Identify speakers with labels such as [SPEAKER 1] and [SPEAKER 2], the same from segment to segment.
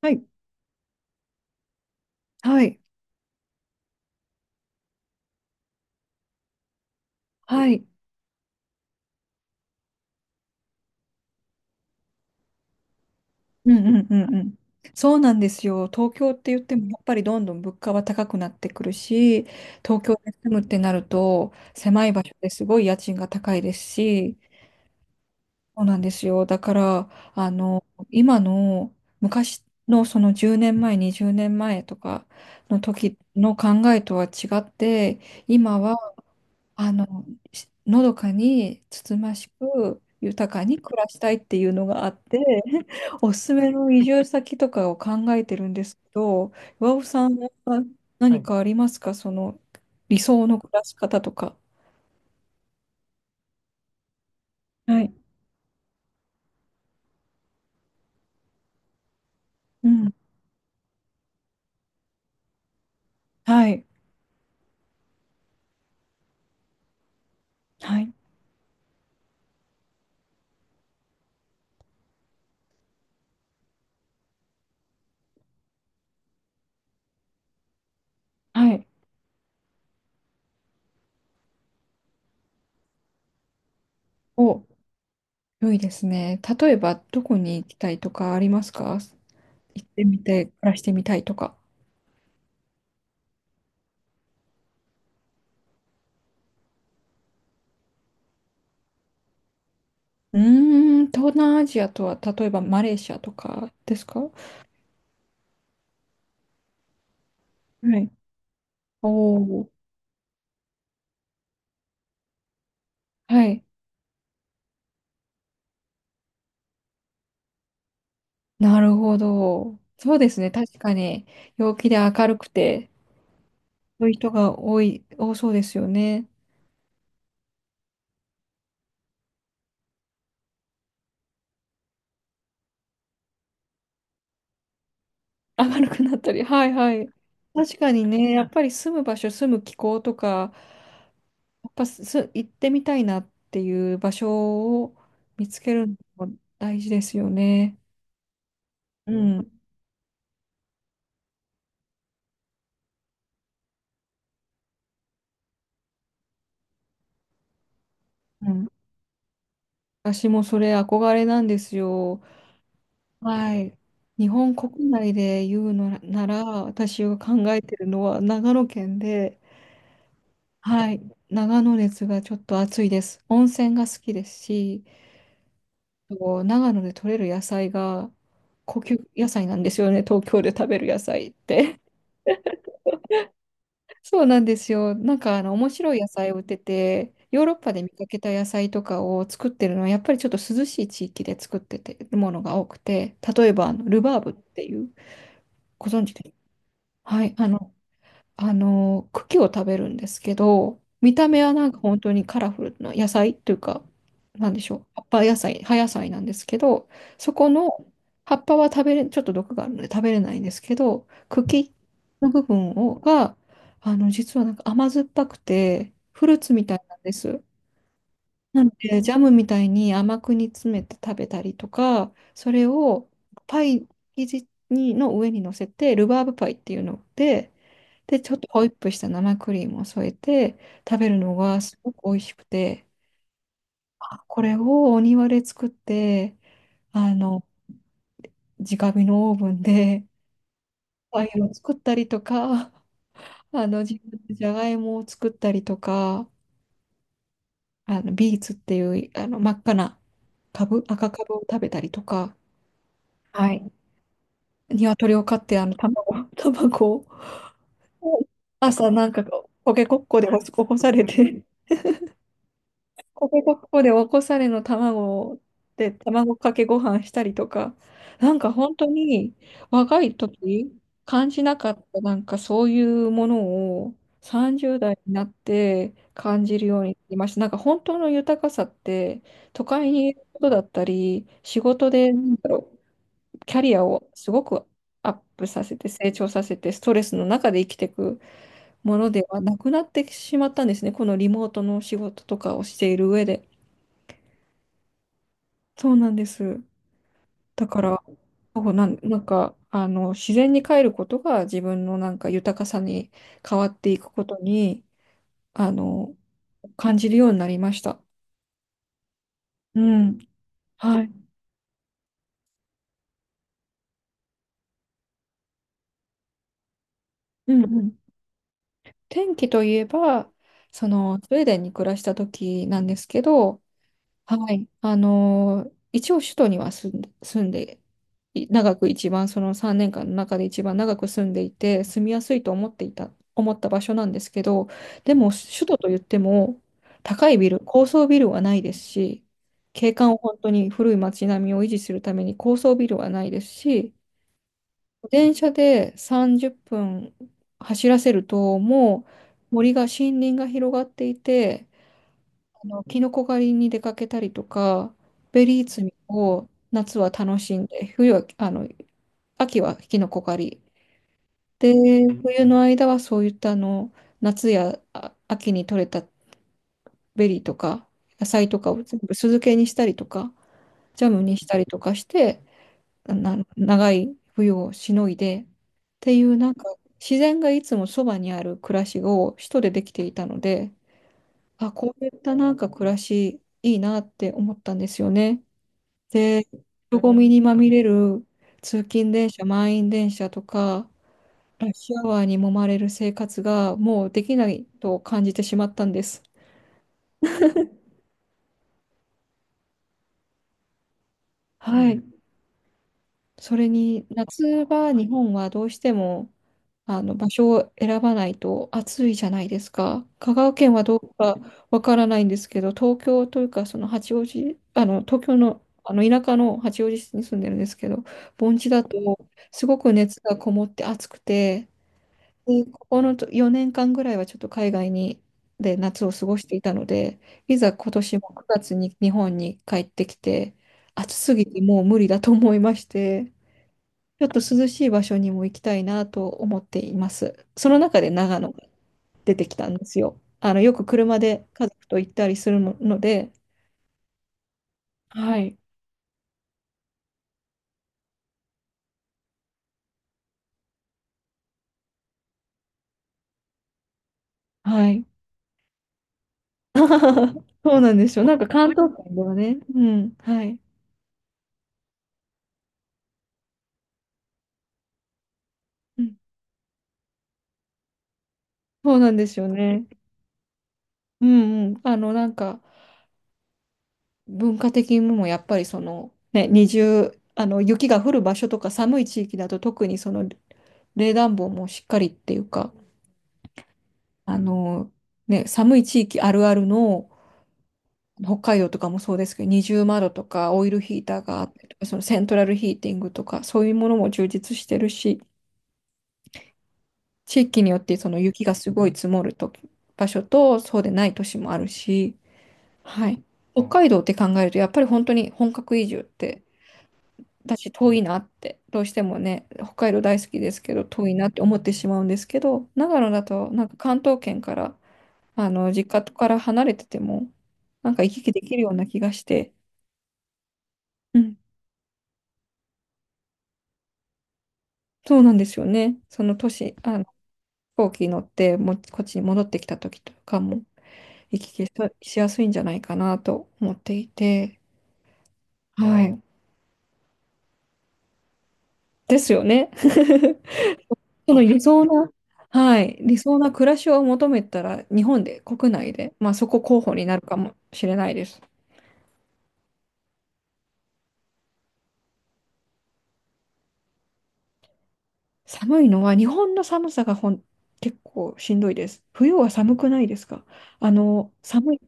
[SPEAKER 1] はい、はい、はい。うんうんうんうん。そうなんですよ。東京って言っても、やっぱりどんどん物価は高くなってくるし、東京で住むってなると、狭い場所ですごい家賃が高いですし、そうなんですよ。だから、今の昔のその10年前、20年前とかの時の考えとは違って、今はあの、しのどかにつつましく豊かに暮らしたいっていうのがあって、おすすめの移住先とかを考えてるんですけど、岩尾さんは何かありますか、その理想の暮らし方とか。はい。うん。はい。はい。はい。お、良いですね。例えば、どこに行きたいとかありますか、行ってみて、暮らしてみたいとか。うーん、東南アジアとは、例えばマレーシアとかですか。はい。おお、はい。なるほど。そうですね。確かに、陽気で明るくて、そういう人が多そうですよね。明るくなったり、はいはい。確かにね、やっぱり住む場所、住む気候とか、やっぱす、行ってみたいなっていう場所を見つけるのも大事ですよね。うん。うん。私もそれ憧れなんですよ。はい。日本国内で言うのなら、私が考えてるのは長野県で、はい。長野熱がちょっと暑いです。温泉が好きですし、こう長野で採れる野菜が高級野菜なんですよね。東京で食べる野菜って。そうなんですよ。なんか面白い野菜を売ってて、ヨーロッパで見かけた野菜とかを作ってるのは、やっぱりちょっと涼しい地域で作っててるものが多くて、例えばルバーブっていう、ご存知ですか。はい、茎を食べるんですけど、見た目はなんか本当にカラフルな野菜というか、なんでしょう、葉野菜なんですけど、そこの葉っぱは食べれ、ちょっと毒があるので食べれないんですけど、茎の部分が、実はなんか甘酸っぱくて、フルーツみたいなんです。なので、ジャムみたいに甘く煮詰めて食べたりとか、それをパイ生地の上に乗せて、ルバーブパイっていうので、で、ちょっとホイップした生クリームを添えて食べるのがすごく美味しくて、あ、これをお庭で作って、あの、直火のオーブンでパイを作ったりとか、自分でじゃがいもを作ったりとか、ビーツっていう真っ赤な株、赤株を食べたりとか、はい。鶏を飼って卵、卵を朝なんかこうポケコッコで起こされて、ここがここでおこされの卵で卵かけご飯したりとか、なんか本当に若い時感じなかったなんかそういうものを30代になって感じるようになりました。なんか本当の豊かさって都会にいることだったり、仕事でキャリアをすごくアップさせて成長させてストレスの中で生きていくものではなくなってしまったんですね。このリモートの仕事とかをしている上で。そうなんです。だから、自然に帰ることが自分のなんか豊かさに変わっていくことに、あの、感じるようになりました。うん。はい。うんうん。天気といえば、その、スウェーデンに暮らした時なんですけど、はい。あのー一応首都には住んで、長く一番、その3年間の中で一番長く住んでいて、住みやすいと思った場所なんですけど、でも首都といっても、高層ビルはないですし、景観を本当に古い街並みを維持するために高層ビルはないですし、電車で30分走らせると、もう森が、森林が広がっていて、キノコ狩りに出かけたりとか、ベリー摘みを夏は楽しんで、冬は、あの、秋はキノコ狩り。で、冬の間はそういった夏や秋に採れたベリーとか、野菜とかを全部酢漬けにしたりとか、ジャムにしたりとかして、長い冬をしのいで、っていうなんか、自然がいつもそばにある暮らしを首都でできていたので、あ、こういったなんか暮らしいいなって思ったんですよね。で、人混みにまみれる通勤電車、満員電車とか、ラッシャワーに揉まれる生活がもうできないと感じてしまったんです。はい。それに夏場、日本はどうしても場所を選ばないと暑いじゃないですか。香川県はどうかわからないんですけど、東京というか、その八王子、あの東京の、あの田舎の八王子市に住んでるんですけど、盆地だとすごく熱がこもって暑くて、で、ここの4年間ぐらいはちょっと海外で夏を過ごしていたので、いざ今年も9月に日本に帰ってきて、暑すぎてもう無理だと思いまして。ちょっと涼しい場所にも行きたいなと思っています。その中で長野が出てきたんですよ。あの、よく車で家族と行ったりするので、はい、はい。そうなんですよ。なんか関東圏ではね、うん、はい。うん、そうなんですよね。うんうん。なんか文化的にもやっぱりその、ね、二重、あの、雪が降る場所とか寒い地域だと特にその冷暖房もしっかりっていうか、あの、ね、寒い地域あるあるの、北海道とかもそうですけど、二重窓とかオイルヒーターがあったりとか、そのセントラルヒーティングとか、そういうものも充実してるし、地域によってその雪がすごい積もると場所と、そうでない都市もあるし、はい。北海道って考えると、やっぱり本当に本格移住って、私遠いなって、どうしてもね、北海道大好きですけど、遠いなって思ってしまうんですけど、長野だと、なんか関東圏から、実家から離れてても、なんか行き来できるような気がして、うん、そうなんですよね。その年、飛行機乗っても、こっちに戻ってきた時とかも、行き来ししやすいんじゃないかなと思っていて、はい。ですよね。その理想な、はい、理想な暮らしを求めたら、日本で、国内で、まあそこ候補になるかもしれないです。寒いのは、日本の寒さがほん、結構しんどいです。冬は寒くないですか。あの、寒い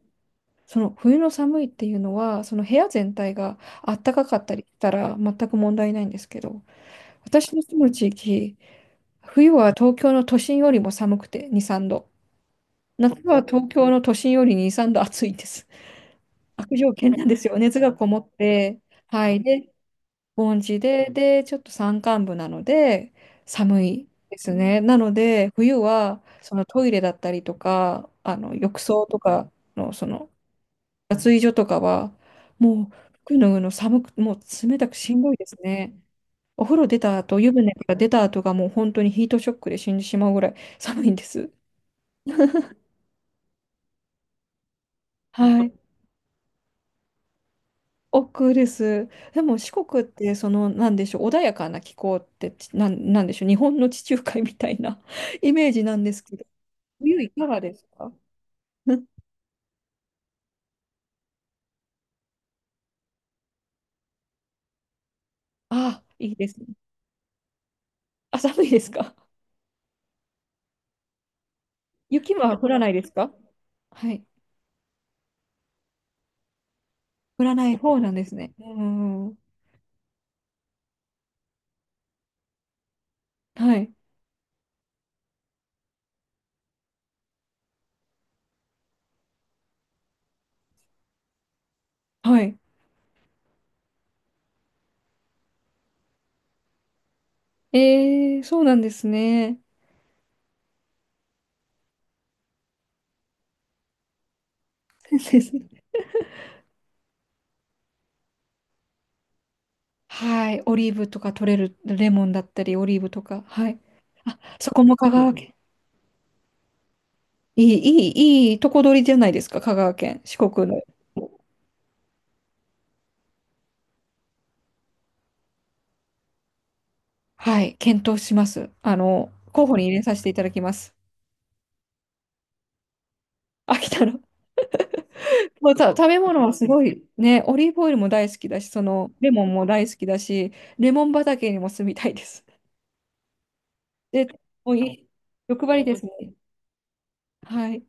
[SPEAKER 1] その冬の寒いっていうのは、その部屋全体が暖かかったりしたら全く問題ないんですけど、私の住む地域、冬は東京の都心よりも寒くて2、3度。夏は東京の都心より2、3度暑いです。悪条件なんですよ。熱がこもって、はい。で、盆地で、で、ちょっと山間部なので、寒いですね。なので、冬は、そのトイレだったりとか、あの、浴槽とかの、水所とかは、もう服脱ぐの寒く、もう冷たくしんどいですね。お風呂出た後、湯船から出た後がもう本当にヒートショックで死んでしまうぐらい 寒いんです。はい。奥です。でも四国ってその、なんでしょう、穏やかな気候ってちなん、なんでしょう、日本の地中海みたいな イメージなんですけど、冬いかがですか。うん あ、いいですね。あ、寒いですか。雪は降らないですか。はい。降らない方なんですね。うん。はい。はい。ええ、そうなんですね。先生ですね。はい。オリーブとか取れる、レモンだったり、オリーブとか。はい。あ、そこも香川県。いい、いいいとこ取りじゃないですか、香川県。四国の。はい。検討します。あの、候補に入れさせていただきます。飽きたら。もうた、食べ物はすごいね、オリーブオイルも大好きだし、その、レモンも大好きだし、レモン畑にも住みたいです。で、もういい、欲張りですね。はい。